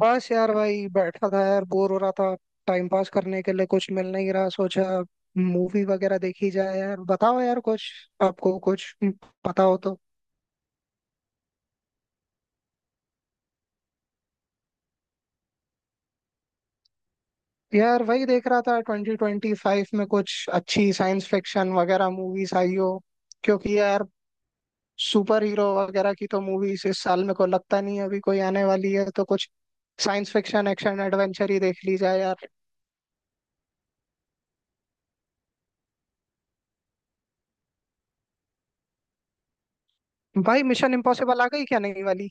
बस यार भाई बैठा था यार बोर हो रहा था। टाइम पास करने के लिए कुछ मिल नहीं रहा। सोचा मूवी वगैरह देखी जाए। यार बताओ यार कुछ, आपको कुछ पता हो तो। यार वही देख रहा था, ट्वेंटी ट्वेंटी फाइव में कुछ अच्छी साइंस फिक्शन वगैरह मूवीज आई हो। क्योंकि यार सुपर हीरो वगैरह की तो मूवीज इस साल मेरे को लगता नहीं है अभी कोई आने वाली है, तो कुछ साइंस फिक्शन एक्शन एडवेंचर ही देख ली जाए यार। भाई मिशन इम्पॉसिबल आ गई क्या, नहीं वाली?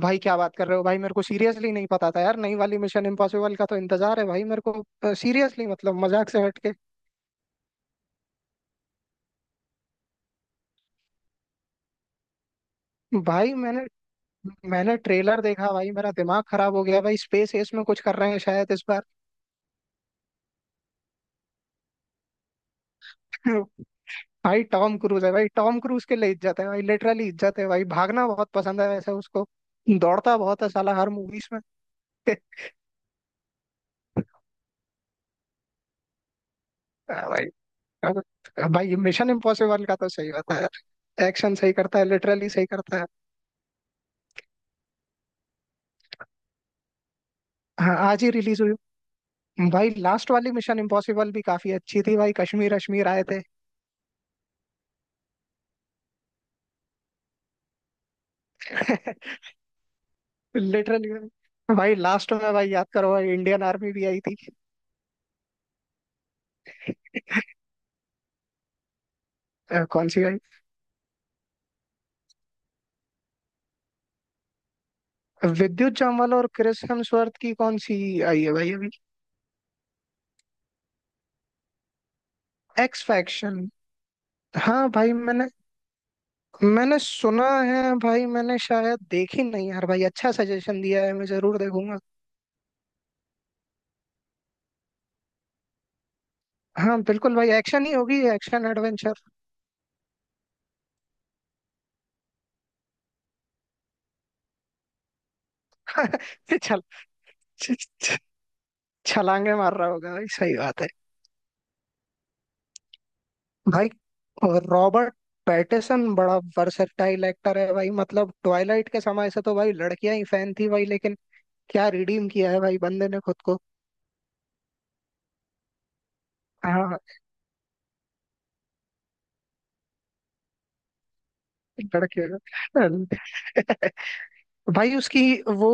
भाई क्या बात कर रहे हो! भाई मेरे को सीरियसली नहीं पता था यार। नई वाली मिशन इम्पॉसिबल का तो इंतजार है भाई, मेरे को सीरियसली, मतलब मजाक से हट के। भाई मैंने मैंने ट्रेलर देखा भाई, मेरा दिमाग खराब हो गया भाई। स्पेस एस में कुछ कर रहे हैं शायद इस बार। भाई टॉम क्रूज है भाई, टॉम क्रूज के लिए इज्जत है भाई, लिटरली इज्जत है भाई। भागना बहुत पसंद है वैसे उसको, दौड़ता बहुत है साला हर मूवीज में। भाई, भाई मिशन इम्पॉसिबल का तो सही होता है। एक्शन सही करता है, लिटरली सही करता है। हाँ आज ही रिलीज हुई। भाई लास्ट वाली मिशन इम्पॉसिबल भी काफी अच्छी थी भाई, कश्मीर अश्मीर आए थे। लिटरली। भाई लास्ट में भाई याद करो भाई, इंडियन आर्मी भी आई थी। कौन सी भाई? विद्युत जामवाल और क्रिस हेम्सवर्थ की कौन सी आई है भाई अभी? X faction? हाँ भाई मैंने मैंने सुना है भाई, मैंने शायद देखी नहीं यार। भाई अच्छा सजेशन दिया है, मैं जरूर देखूंगा। हाँ बिल्कुल भाई, एक्शन ही होगी, एक्शन एडवेंचर। चल। छ- छ- छलांगे मार रहा होगा भाई, सही बात है। भाई रॉबर्ट पैटिसन बड़ा वर्सेटाइल एक्टर है भाई। मतलब ट्वाइलाइट के समय से तो भाई लड़कियां ही फैन थी भाई, लेकिन क्या रिडीम किया है भाई बंदे ने खुद को। हाँ। लड़कियों भाई उसकी, वो,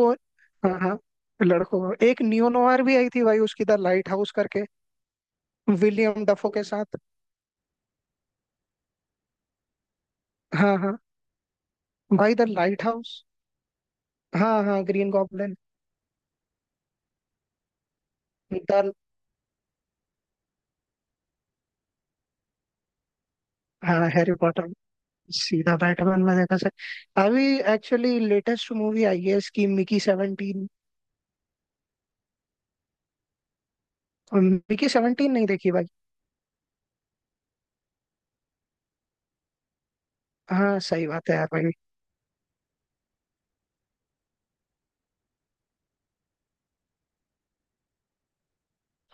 हाँ हाँ, लड़कों को। एक नियो नोवार भी आई थी भाई उसकी, द लाइट हाउस करके, विलियम डफो के साथ। हाँ हाँ भाई, द लाइट हाउस। हाँ हाँ, ग्रीन गॉब्लिन। द हाँ हैरी पॉटर, सीधा बैटमैन में देखा सर। अभी एक्चुअली लेटेस्ट मूवी आई है इसकी, मिकी 17। मिकी 17 नहीं देखी भाई? हाँ सही बात है यार भाई।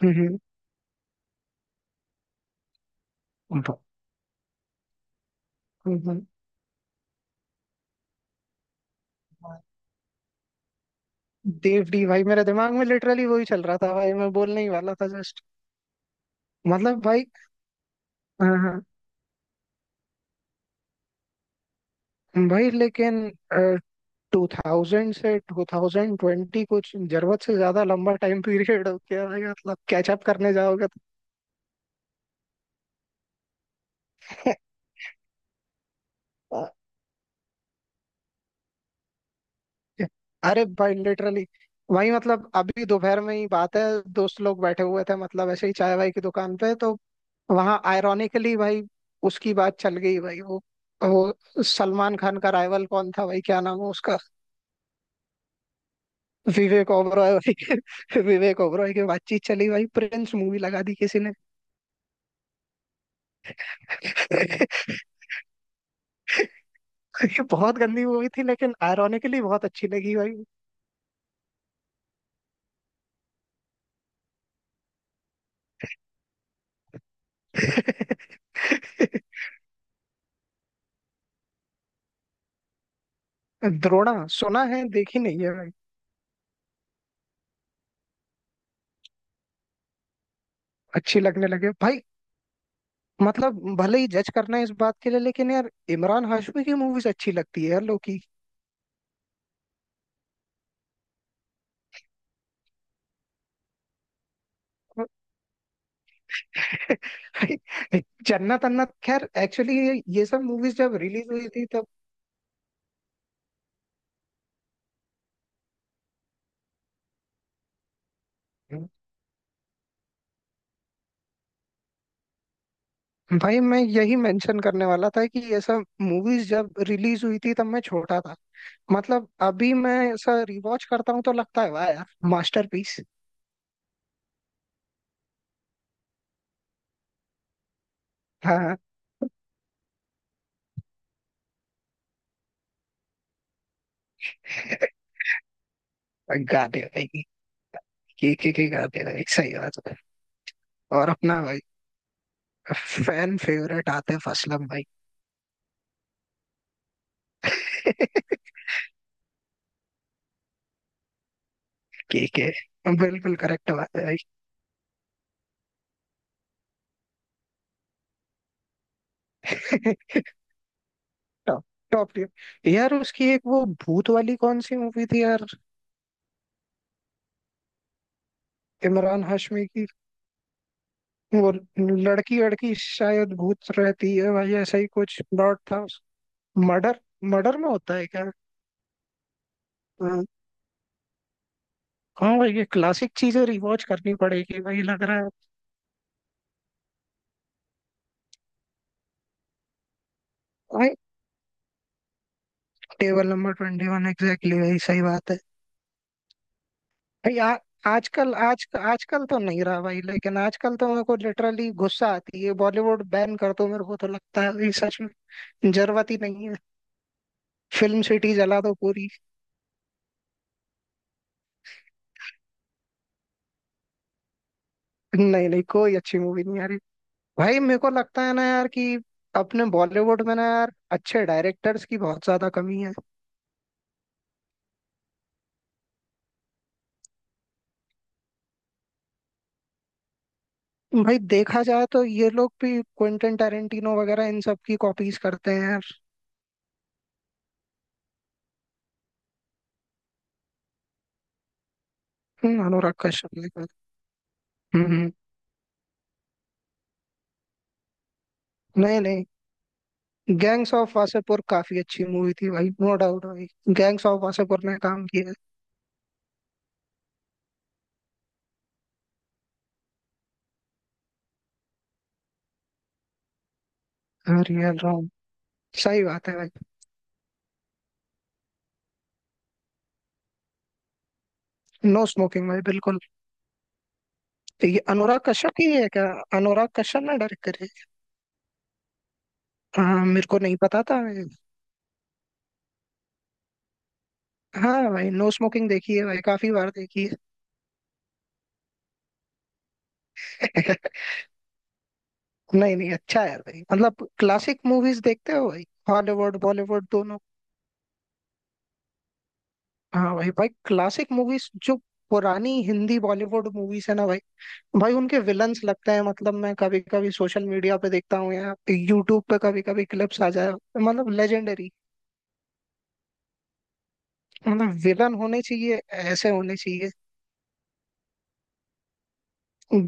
हम्म। हम्म। हम्म, हम्म। देव डी भाई, मेरे दिमाग में लिटरली वही चल रहा था भाई, मैं बोलने ही वाला था जस्ट। मतलब भाई, हाँ हाँ। भाई लेकिन टू थाउजेंड से टू थाउजेंड ट्वेंटी कुछ जरूरत से ज्यादा लंबा टाइम पीरियड हो गया भाई, मतलब कैचअप करने जाओगे तो। अरे भाई लिटरली वही, मतलब अभी दोपहर में ही बात है, दोस्त लोग बैठे हुए थे मतलब, ऐसे ही चाय वाय की दुकान पे तो, वहां आयरॉनिकली भाई उसकी बात चल गई भाई। वो सलमान खान का राइवल कौन था भाई, क्या नाम है उसका? विवेक ओबरॉय भाई विवेक ओबरॉय की बातचीत चली भाई, प्रिंस मूवी लगा दी किसी ने। ये बहुत गंदी मूवी थी लेकिन आयरॉनिकली बहुत अच्छी लगी भाई। द्रोणा सुना है, देखी नहीं है भाई। अच्छी लगने लगे भाई। मतलब भले ही जज करना है इस बात के लिए, लेकिन यार इमरान हाशमी की मूवीज अच्छी लगती है यार लोग की। जन्नत अन्नत, खैर एक्चुअली ये सब मूवीज जब रिलीज हुई थी तब, भाई मैं यही मेंशन करने वाला था कि ये सब मूवीज जब रिलीज हुई थी तब मैं छोटा था। मतलब अभी मैं ऐसा रिवॉच करता हूँ तो लगता है वाह यार, मास्टरपीस। हाँ हाँ। गाने भाई, की गाने भाई, सही बात है। और अपना भाई फैन फेवरेट आतिफ असलम भाई। केके, बिल्कुल करेक्ट बात है भाई। टॉप, टॉप टियर यार। उसकी एक वो भूत वाली कौन सी मूवी थी यार, इमरान हाशमी की? वो लड़की लड़की शायद भूत रहती है भाई, ऐसा ही कुछ प्लॉट था उस। मर्डर, मर्डर में होता है क्या? हाँ। हाँ भाई ये क्लासिक चीजें रिवॉच करनी पड़ेगी भाई, लग रहा है। भाई table number twenty one, exactly भाई, सही बात है। भाई आ, आजकल आज आजकल तो नहीं रहा भाई, लेकिन आजकल तो मेरे को लिटरली गुस्सा आती है। बॉलीवुड बैन कर दो, मेरे को तो लगता है भाई, सच में जरूरत ही नहीं है। फिल्म सिटी जला दो पूरी। नहीं नहीं, कोई अच्छी मूवी नहीं आ रही। भाई मेरे को लगता है ना यार कि अपने बॉलीवुड में ना यार अच्छे डायरेक्टर्स की बहुत ज्यादा कमी है। भाई देखा जाए तो ये लोग भी क्विंटन टेरेंटिनो वगैरह इन सब की कॉपीज करते हैं यार। अनुराग कश्यप ने हम्म हम्म। नहीं नहीं, गैंग्स ऑफ वासेपुर काफी अच्छी मूवी थी भाई, नो डाउट भाई। गैंग्स ऑफ वासेपुर ने काम किया है। रियल रॉन्ग, सही बात है भाई। नो स्मोकिंग भाई, बिल्कुल। ये अनुराग कश्यप की है क्या? अनुराग कश्यप ने डायरेक्ट करी है? हाँ मेरे को नहीं पता था भाई। हाँ भाई नो स्मोकिंग देखी है भाई, काफी बार देखी है। नहीं नहीं, अच्छा है भाई, मतलब क्लासिक मूवीज देखते हो भाई, हॉलीवुड बॉलीवुड दोनों। हाँ भाई, भाई क्लासिक मूवीज जो पुरानी हिंदी बॉलीवुड मूवीज है ना भाई, भाई उनके विलन्स लगते हैं मतलब। मैं कभी कभी सोशल मीडिया पे देखता हूँ या यूट्यूब पे, कभी कभी क्लिप्स आ जाए, मतलब लेजेंडरी। मतलब विलन होने चाहिए, ऐसे होने चाहिए।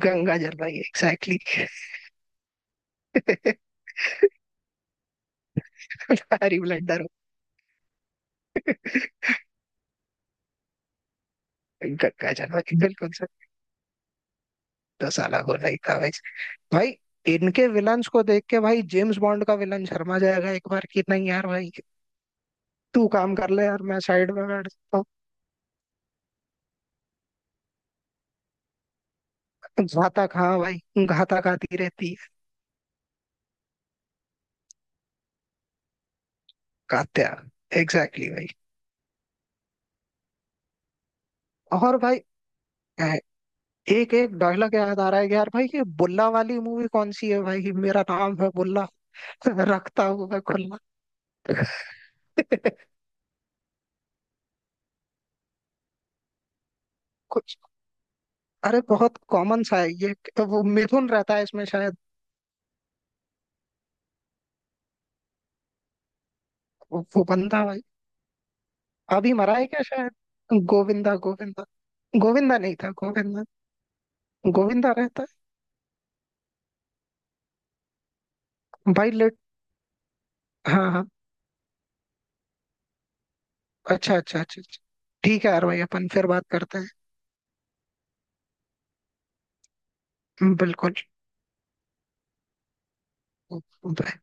गंगा जल भाई, एग्जैक्टली। हरी ब्लडर हो। गंगा जल भाई, बिल्कुल सर। तो साला बोला ही था भाई। भाई इनके विलन्स को देख के भाई जेम्स बॉन्ड का विलन शर्मा जाएगा एक बार, कि नहीं यार भाई? तू काम कर ले यार, मैं साइड में बैठ जाता हूँ। घातक, हाँ भाई घातक आती रहती है। कात्या, एग्जैक्टली। और भाई एक एक डायलॉग याद आ रहा है कि यार भाई, ये बुल्ला वाली मूवी कौन सी है भाई? मेरा नाम है बुल्ला रखता हूँ मैं खुल्ला। कुछ, अरे बहुत कॉमन सा है ये तो। वो मिथुन रहता है इसमें शायद। वो बंदा भाई, अभी मरा है क्या शायद? गोविंदा गोविंदा, गोविंदा नहीं था? गोविंदा, गोविंदा रहता है भाई। लेट? हाँ हाँ, अच्छा अच्छा अच्छा अच्छा। ठीक है यार भाई, अपन फिर बात करते हैं, बिल्कुल। Bye.